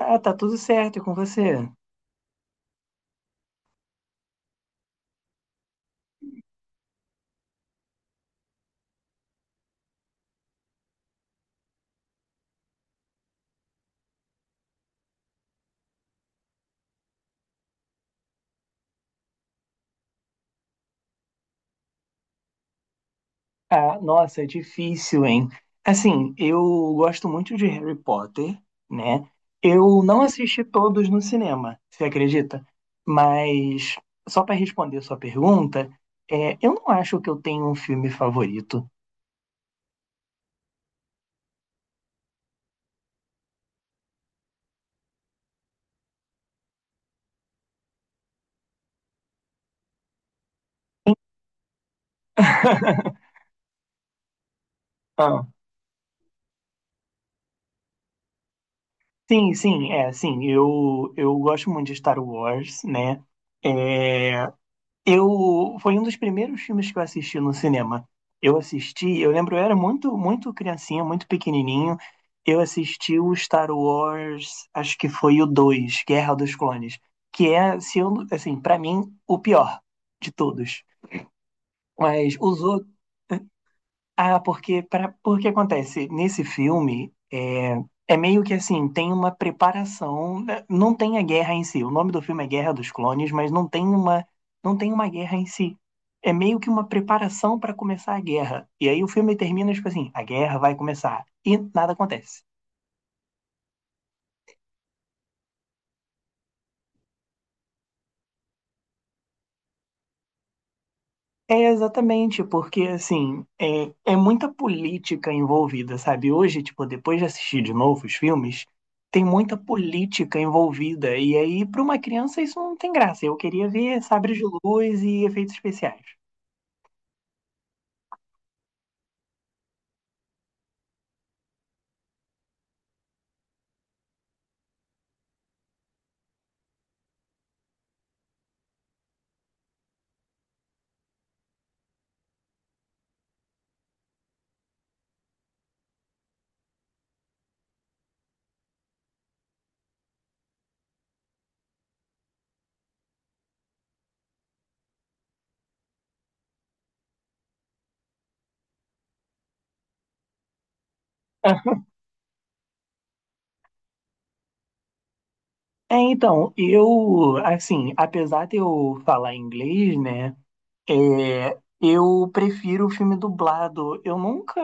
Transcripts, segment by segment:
Ah, tá tudo certo e com você? Ah, nossa, é difícil, hein? Assim, eu gosto muito de Harry Potter, né? Eu não assisti todos no cinema, você acredita? Mas, só para responder sua pergunta, eu não acho que eu tenho um filme favorito. Ah, sim, sim, é, sim, eu gosto muito de Star Wars, né? É, Eu foi um dos primeiros filmes que eu assisti no cinema. Eu assisti, eu lembro, eu era muito, muito criancinha, muito pequenininho. Eu assisti o Star Wars, acho que foi o 2, Guerra dos Clones, que é, se eu, assim, para mim, o pior de todos. Mas os outros porque acontece nesse filme é meio que assim tem uma preparação, né? Não tem a guerra em si. O nome do filme é Guerra dos Clones, mas não tem uma guerra em si. É meio que uma preparação para começar a guerra. E aí o filme termina tipo assim, a guerra vai começar e nada acontece. É exatamente, porque assim, é muita política envolvida, sabe? Hoje, tipo, depois de assistir de novo os filmes, tem muita política envolvida. E aí, para uma criança, isso não tem graça. Eu queria ver sabres de luz e efeitos especiais. Ah, É, então, assim, apesar de eu falar inglês, né? É, eu prefiro o filme dublado. Eu nunca.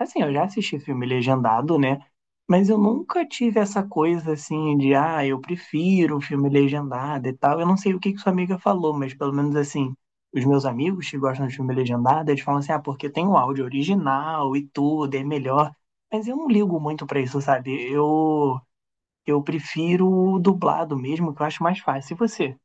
Assim, eu já assisti filme legendado, né? Mas eu nunca tive essa coisa assim de, eu prefiro o filme legendado e tal. Eu não sei o que que sua amiga falou, mas pelo menos assim, os meus amigos que gostam de filme legendado, eles falam assim, ah, porque tem o áudio original e tudo, é melhor. Mas eu não ligo muito pra isso, sabe? Eu prefiro o dublado mesmo, que eu acho mais fácil. E você?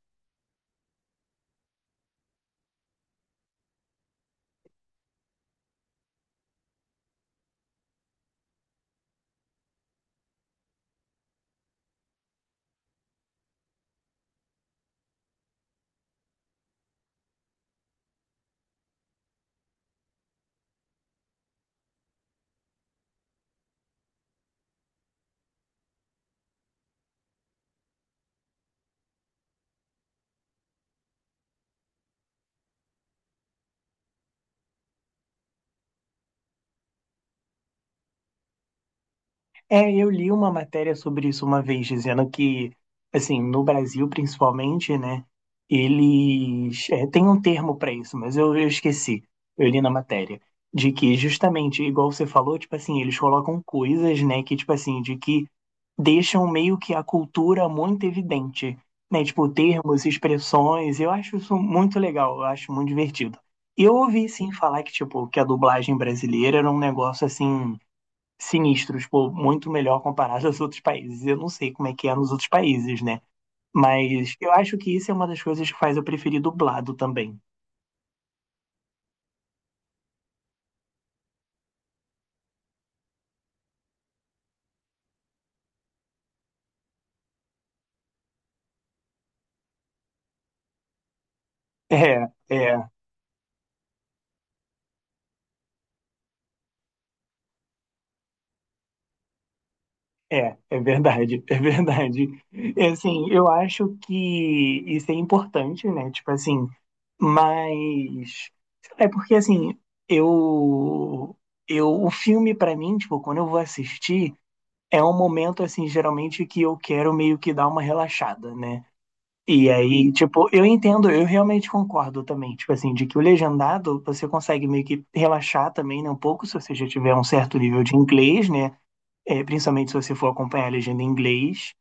É, eu li uma matéria sobre isso uma vez, dizendo que, assim, no Brasil principalmente, né, eles. É, tem um termo para isso, mas eu esqueci. Eu li na matéria. De que, justamente, igual você falou, tipo assim, eles colocam coisas, né, que, tipo assim, de que deixam meio que a cultura muito evidente, né, tipo, termos, expressões. Eu acho isso muito legal, eu acho muito divertido. Eu ouvi, sim, falar que, tipo, que a dublagem brasileira era um negócio assim sinistros, pô, muito melhor comparado aos outros países. Eu não sei como é que é nos outros países, né? Mas eu acho que isso é uma das coisas que faz eu preferir dublado também. É, é, é verdade, é verdade. É, assim, eu acho que isso é importante, né? Tipo assim, mas é porque assim, eu eu o filme pra mim, tipo, quando eu vou assistir, é um momento assim, geralmente que eu quero meio que dar uma relaxada, né? E aí, tipo, eu entendo, eu realmente concordo também, tipo assim, de que o legendado você consegue meio que relaxar também, né, um pouco, se você já tiver um certo nível de inglês, né, principalmente se você for acompanhar a legenda em inglês,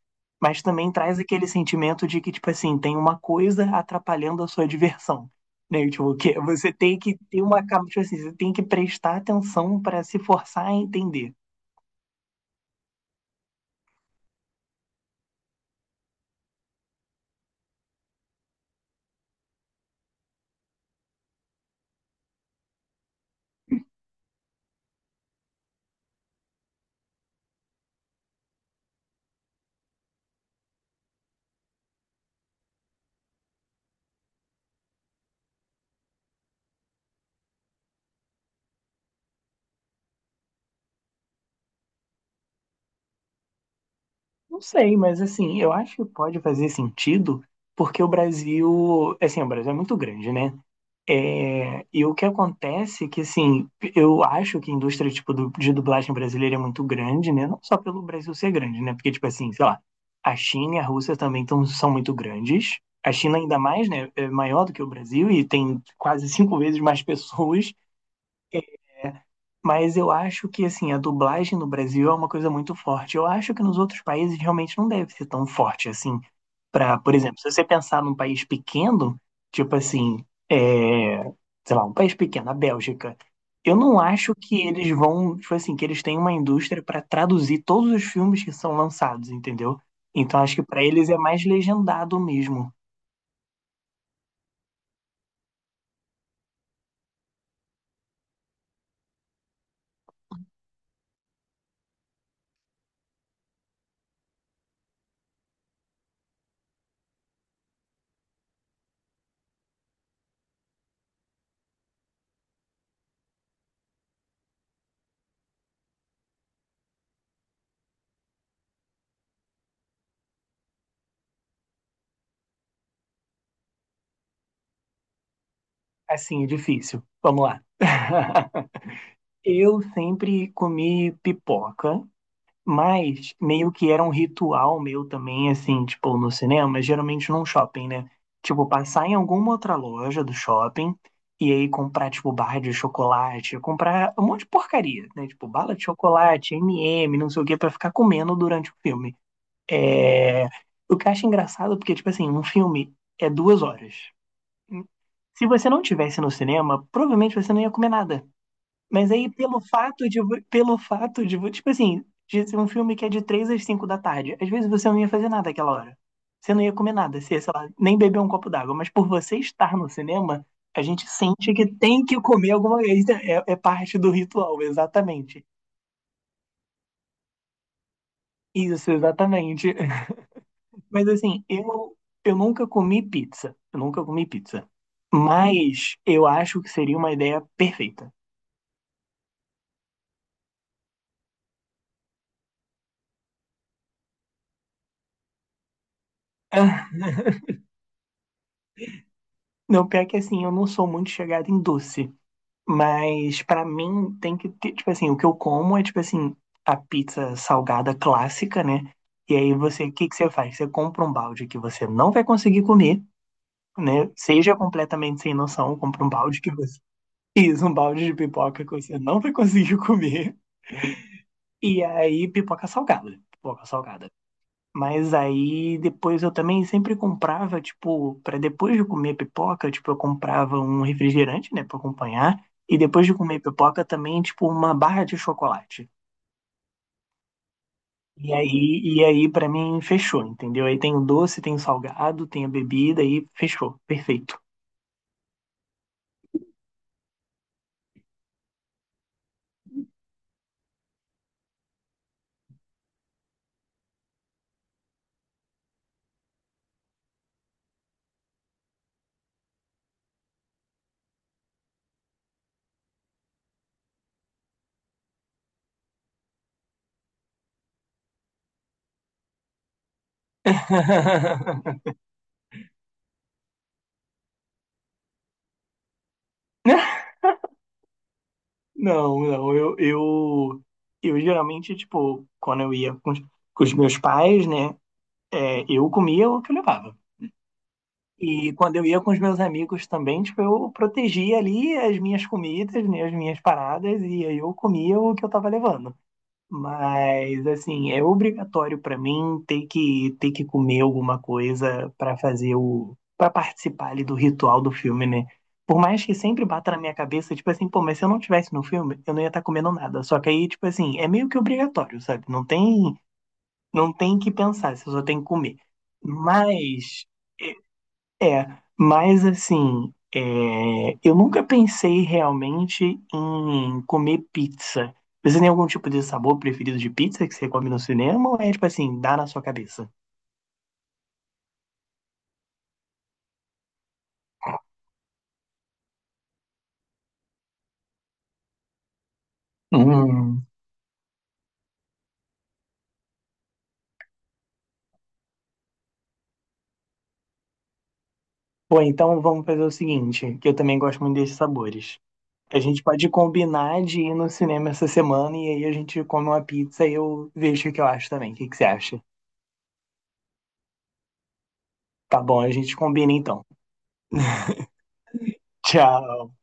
mas também traz aquele sentimento de que, tipo assim, tem uma coisa atrapalhando a sua diversão, né, tipo, que é, você tem que ter tipo assim, você tem que prestar atenção para se forçar a entender. Não sei, mas assim, eu acho que pode fazer sentido, porque o Brasil, assim, o Brasil é muito grande, né? É, e o que acontece é que, assim, eu acho que a indústria, tipo, de dublagem brasileira é muito grande, né? Não só pelo Brasil ser grande, né? Porque, tipo assim, sei lá, a China e a Rússia também são muito grandes. A China ainda mais, né? É maior do que o Brasil e tem quase 5 vezes mais pessoas. Mas eu acho que, assim, a dublagem no Brasil é uma coisa muito forte. Eu acho que nos outros países realmente não deve ser tão forte, assim. Por exemplo, se você pensar num país pequeno, tipo assim, é, sei lá, um país pequeno, a Bélgica, eu não acho que eles vão, tipo assim, que eles têm uma indústria para traduzir todos os filmes que são lançados, entendeu? Então acho que para eles é mais legendado mesmo. Assim, é difícil. Vamos lá. Eu sempre comi pipoca. Mas meio que era um ritual meu também, assim, tipo, no cinema, geralmente num shopping, né? Tipo, passar em alguma outra loja do shopping e aí comprar, tipo, barra de chocolate, comprar um monte de porcaria, né? Tipo, bala de chocolate, M&M, não sei o quê, pra ficar comendo durante o filme. É. O que eu acho engraçado, porque, tipo assim, um filme é 2 horas. Se você não tivesse no cinema, provavelmente você não ia comer nada. Mas aí, pelo fato de, tipo assim, de ser um filme que é de 3 às 5 da tarde, às vezes você não ia fazer nada aquela hora. Você não ia comer nada, você ia, sei lá, nem beber um copo d'água. Mas por você estar no cinema, a gente sente que tem que comer alguma coisa. É, é parte do ritual, exatamente. Isso, exatamente. Mas assim, eu nunca comi pizza. Eu nunca comi pizza. Mas eu acho que seria uma ideia perfeita. Não, pior que assim, eu não sou muito chegado em doce. Mas pra mim tem que ter, tipo assim, o que eu como é tipo assim, a pizza salgada clássica, né? E aí você, o que que você faz? Você compra um balde que você não vai conseguir comer, né? Seja completamente sem noção, compra um balde que você isso, um balde de pipoca que você não vai conseguir comer. E aí pipoca salgada, pipoca salgada. Mas aí depois eu também sempre comprava, tipo, para depois de comer pipoca, tipo, eu comprava um refrigerante, né, para acompanhar, e depois de comer pipoca também, tipo, uma barra de chocolate. E aí, para mim fechou, entendeu? Aí tem o doce, tem o salgado, tem a bebida e fechou, perfeito. Não, não, eu geralmente, tipo, quando eu ia com os meus pais, né, eu comia o que eu levava. E quando eu ia com os meus amigos também, tipo, eu protegia ali as minhas comidas, né, as minhas paradas, e aí eu comia o que eu tava levando. Mas, assim, é obrigatório pra mim ter que comer alguma coisa pra fazer para participar ali do ritual do filme, né? Por mais que sempre bata na minha cabeça, tipo assim, pô, mas se eu não tivesse no filme, eu não ia estar comendo nada. Só que aí, tipo assim, é meio que obrigatório, sabe? Não tem que pensar, você só tem que comer. Mas. É, mas assim, eu nunca pensei realmente em comer pizza. Você tem algum tipo de sabor preferido de pizza que você come no cinema ou é tipo assim, dá na sua cabeça? Hum. Pô, então vamos fazer o seguinte, que eu também gosto muito desses sabores. A gente pode combinar de ir no cinema essa semana e aí a gente come uma pizza e eu vejo o que eu acho também. O que que você acha? Tá bom, a gente combina então. Tchau.